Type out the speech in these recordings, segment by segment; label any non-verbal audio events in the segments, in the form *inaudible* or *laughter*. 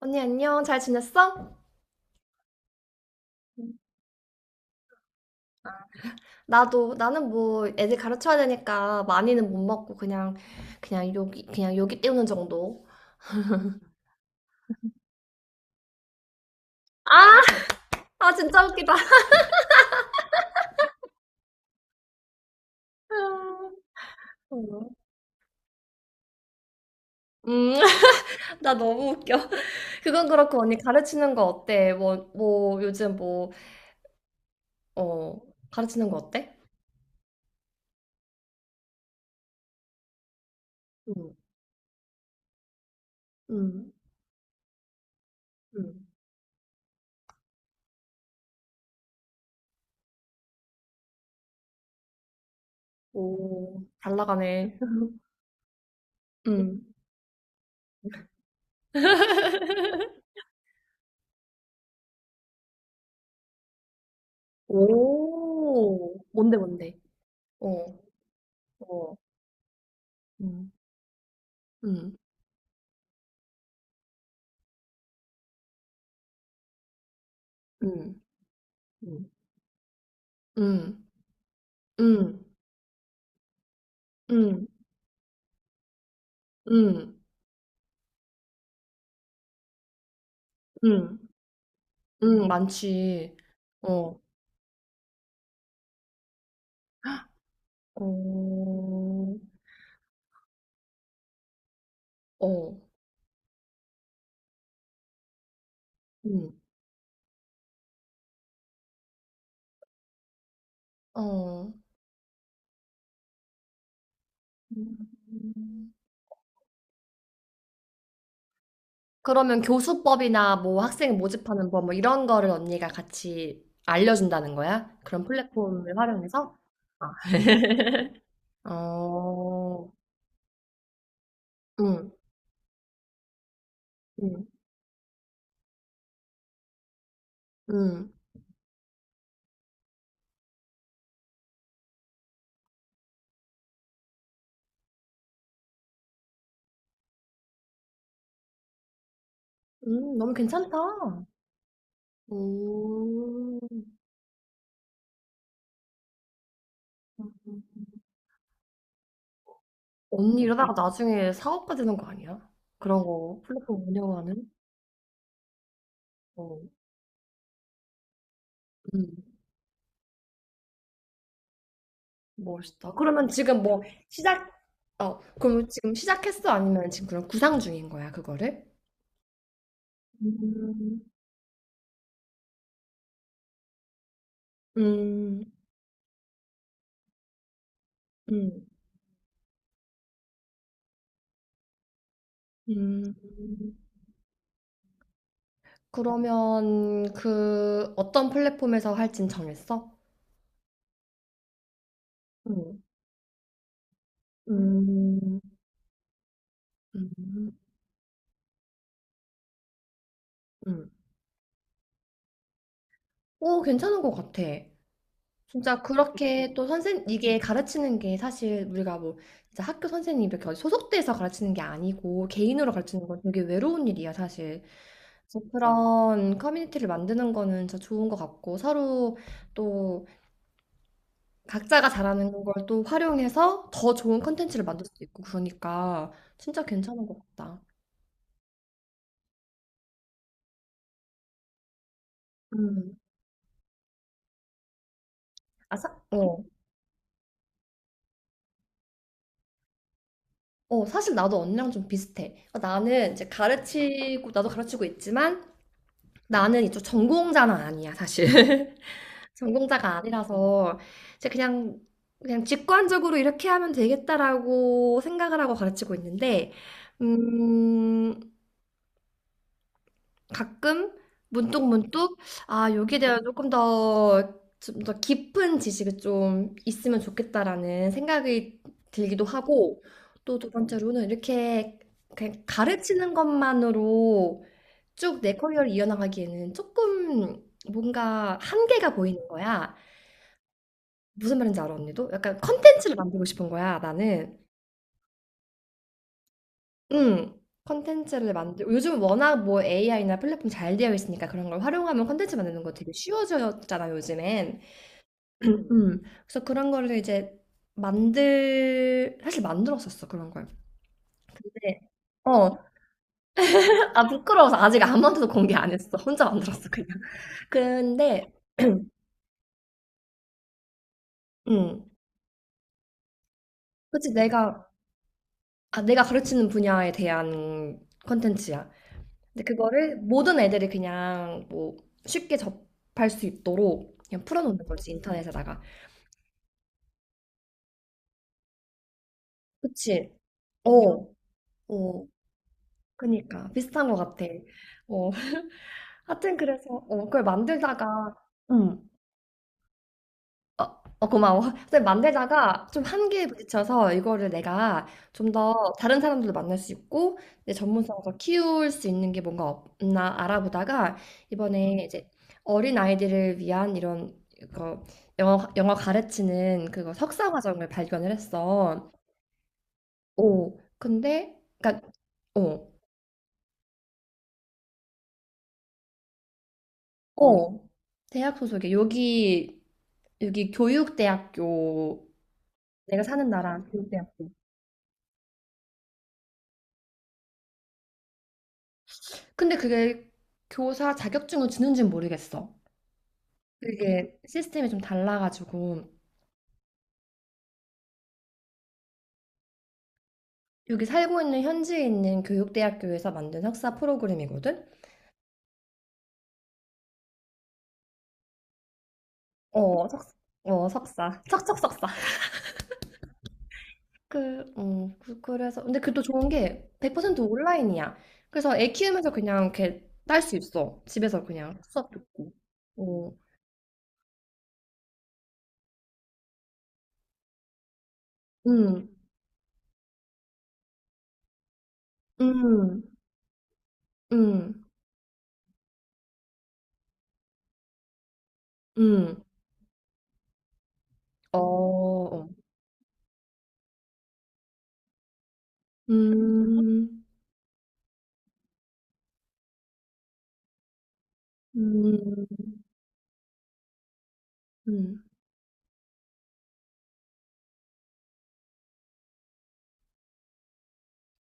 언니, 안녕. 잘 지냈어? 나도. 나는 애들 가르쳐야 되니까 많이는 못 먹고, 그냥, 그냥 여기 때우는 정도. 아! 아, 진짜 웃기다. 음, *laughs* 나 너무 웃겨. 그건 그렇고, 언니 가르치는 거 어때? 요즘 뭐, 어, 가르치는 거 어때? 음, 음, 음. 오, 잘 나가네. *laughs* 음. 오, 뭔데, 뭔데? 어, 어, 음, 음, 음. 응, 응, 응, 응, 응, 응, 많지. 어, 어, 어, 응, 어. 음. 그러면 교수법이나 뭐 학생 모집하는 법 뭐 이런 거를 언니가 같이 알려준다는 거야? 그런 플랫폼을 활용해서? 아. *laughs* 어, 응, 응, 응, 응, 너무 괜찮다. 오, 언니 이러다가 나중에 사업가 되는 거 아니야? 그런 거 플랫폼 운영하는? 어, 음, 멋있다. 그러면 지금 뭐 시작, 어, 그럼 지금 시작했어? 아니면 지금 그런 구상 중인 거야, 그거를? 음, 음, 음. 음. 그러면 그 어떤 플랫폼에서 할진 정했어? 응. 음, 음, 음. 오, 괜찮은 것 같아. 진짜 그렇게 또 선생 이게 가르치는 게 사실 우리가 뭐 진짜 학교 선생님 이렇게 어디 소속돼서 가르치는 게 아니고 개인으로 가르치는 건 되게 외로운 일이야 사실. 그래서 그런 커뮤니티를 만드는 거는 진짜 좋은 것 같고, 서로 또 각자가 잘하는 걸 또 활용해서 더 좋은 컨텐츠를 만들 수도 있고 그러니까 진짜 괜찮은 것 같다. 음. 아, 사, 어. 어, 사실 나도 언니랑 좀 비슷해. 어, 나는 이제 가르치고, 나도 가르치고 있지만, 나는 이쪽 전공자는 아니야, 사실. *laughs* 전공자가 아니라서 이제 그냥 그냥 직관적으로 이렇게 하면 되겠다라고 생각을 하고 가르치고 있는데, 음, 가끔 문득 문득 아, 여기에 대한 조금 더 좀 더 깊은 지식이 좀 있으면 좋겠다라는 생각이 들기도 하고, 또 두 번째로는 이렇게 그냥 가르치는 것만으로 쭉 내 커리어를 이어나가기에는 조금 뭔가 한계가 보이는 거야. 무슨 말인지 알아, 언니도? 약간 컨텐츠를 만들고 싶은 거야, 나는. 응. 컨텐츠를 만들고 요즘 워낙 뭐 AI나 플랫폼 잘 되어 있으니까 그런 걸 활용하면 컨텐츠 만드는 거 되게 쉬워졌잖아, 요즘엔. *clears throat* 그래서 그런 거를 이제 만들 사실 만들었었어, 그런 걸. 근데 어, *laughs* 아 부끄러워서 아직 아무한테도 공개 안 했어. 혼자 만들었어, 그냥. *laughs* 근데 음. 그치, 내가 아, 내가 가르치는 분야에 대한 콘텐츠야. 근데 그거를 모든 애들이 그냥 뭐 쉽게 접할 수 있도록 그냥 풀어놓는 거지, 인터넷에다가. 그치? 어, 어, 그니까. 비슷한 것 같아. 어, *laughs* 하여튼 그래서, 어, 그걸 만들다가, 응 어, 어, 고마워. 근데 만들다가 좀 한계에 부딪혀서 이거를 내가 좀 더 다른 사람들도 만날 수 있고 내 전문성을 더 키울 수 있는 게 뭔가 없나 알아보다가 이번에 이제 어린 아이들을 위한 이런 그 영어 가르치는 그거 석사 과정을 발견을 했어. 오, 근데 그러니까 어, 어, 대학 소속이 여기 여기 교육대학교, 내가 사는 나라 교육대학교. 근데 그게 교사 자격증을 주는지는 모르겠어. 그게 시스템이 좀 달라가지고 여기 살고 있는 현지에 있는 교육대학교에서 만든 석사 프로그램이거든. 어, 석사. 어, 석사. 척척 석사. 그, 그래서 근데 그게 또 좋은 게 100% 온라인이야. 그래서 애 키우면서 그냥 이렇게 딸 수 있어. 집에서 그냥 수업 듣고. 어, 음, 음, 음, 음, 어, 어. 음, 음, 음.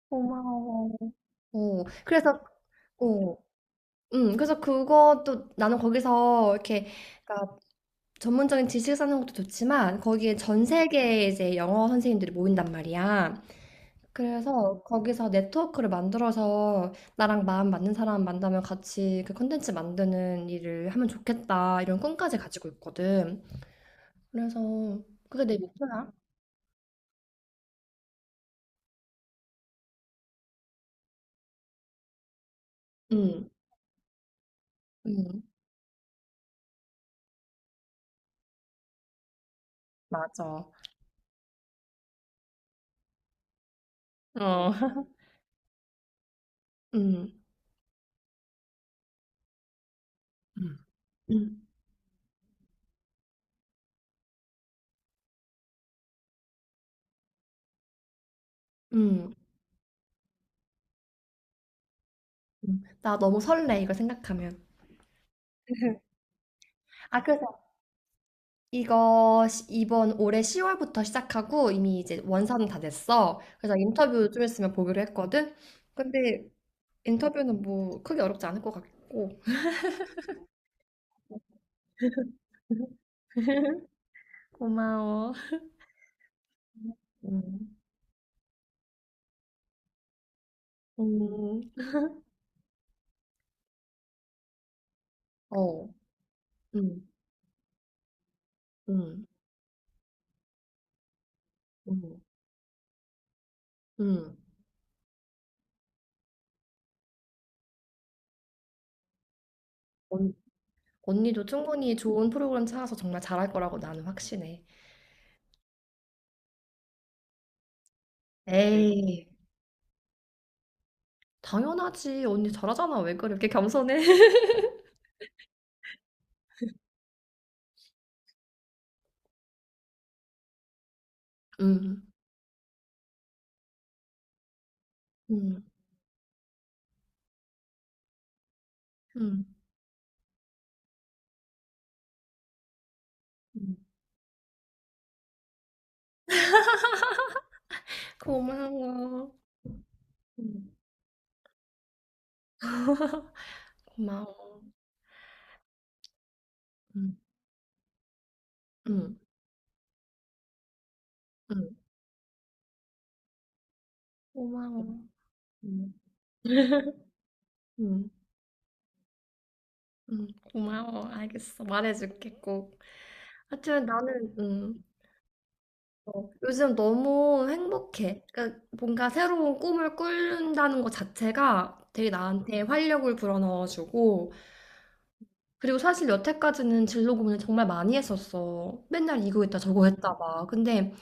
고마워. 어, 그래서, 어, 그래서 그것도 나는 거기서 이렇게, 그러니까 전문적인 지식 쌓는 것도 좋지만, 거기에 전 세계의 이제 영어 선생님들이 모인단 말이야. 그래서 거기서 네트워크를 만들어서 나랑 마음 맞는 사람 만나면 같이 그 콘텐츠 만드는 일을 하면 좋겠다, 이런 꿈까지 가지고 있거든. 그래서 그게 내 목표야. 응, 응, 맞아. 어, *laughs* 응, 응, 응. 나 너무 설레, 이거 생각하면. *laughs* 아, 그래서 이거 이번 올해 10월부터 시작하고, 이미 이제 원사는 다 됐어. 그래서 인터뷰 좀 있으면 보기로 했거든. 근데 인터뷰는 뭐 크게 어렵지 않을 것 같고. *laughs* 고마워. 음, 음, 어, 음, 음, 음, 음. 언, 언니도 충분히 좋은 프로그램 찾아서 정말 잘할 거라고 나는 확신해. 에이, 당연하지. 언니 잘하잖아. 왜 그래? 이렇게 겸손해? *laughs* 음, 음. 응. 응. 고마워. 응. 고마워. 응. 응. 응. 고마워. 응. 응. 응. 고마워. 알겠어. 말해줄게 꼭. 하여튼 나는 어, 요즘 너무 행복해. 그러니까 뭔가 새로운 꿈을 꾸는다는 것 자체가 되게 나한테 활력을 불어넣어주고, 그리고 사실 여태까지는 진로 고민을 정말 많이 했었어. 맨날 이거 했다 저거 했다 막. 근데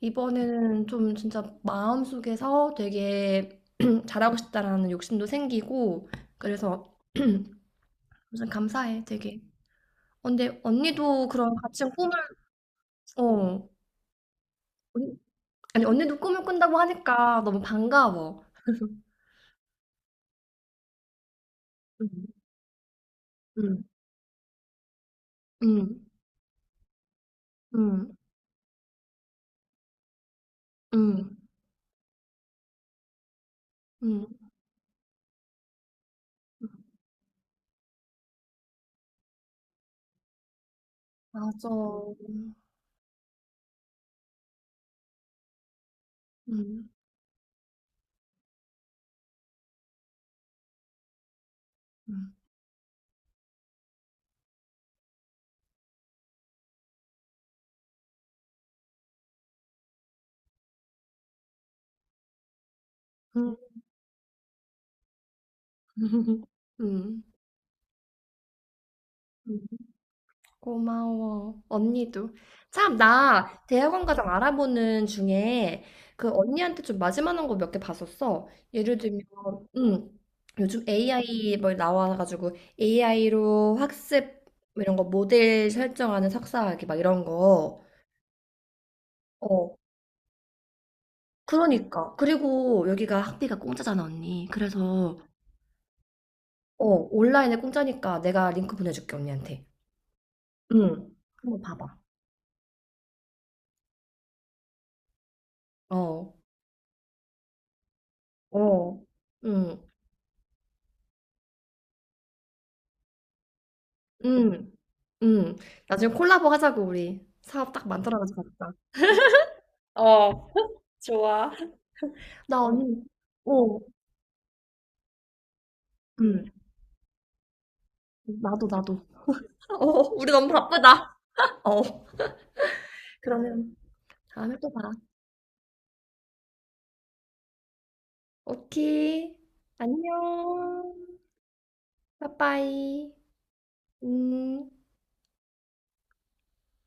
이번에는 좀 진짜 마음속에서 되게 *clears throat* 잘하고 싶다라는 욕심도 생기고, 그래서 무슨 감사해 되게 어, 근데 언니도 그런 같이 꿈을 어 언- 아니 언니도 꿈을 꾼다고 하니까 너무 반가워. 응응응응응응 음, 음, 음, 음, 음, 음. 맞아 응응 응 응 음, 음. *laughs* 고마워. 언니도. 참, 나 대학원 과정 알아보는 중에 그 언니한테 좀 맞을만한 거 몇 개 봤었어. 예를 들면, 음, 요즘 AI 뭐 나와가지고 AI로 학습 뭐 이런 거 모델 설정하는 석사학위 막 이런 거. 어, 그러니까. 그리고 여기가 학비가 공짜잖아, 언니. 그래서, 어, 온라인에 공짜니까 내가 링크 보내줄게, 언니한테. 응. 한번 봐봐. 어, 어, 응, 응. 응. 나중에 콜라보 하자고, 우리. 사업 딱 만들어가지고 가자. 어, 좋아. *laughs* 나 언니, 어, 응. 나도, 나도. 어, 우리 너무 바쁘다. 어. 그러면 다음에 또 봐. 오케이. 안녕. 빠빠이. 음.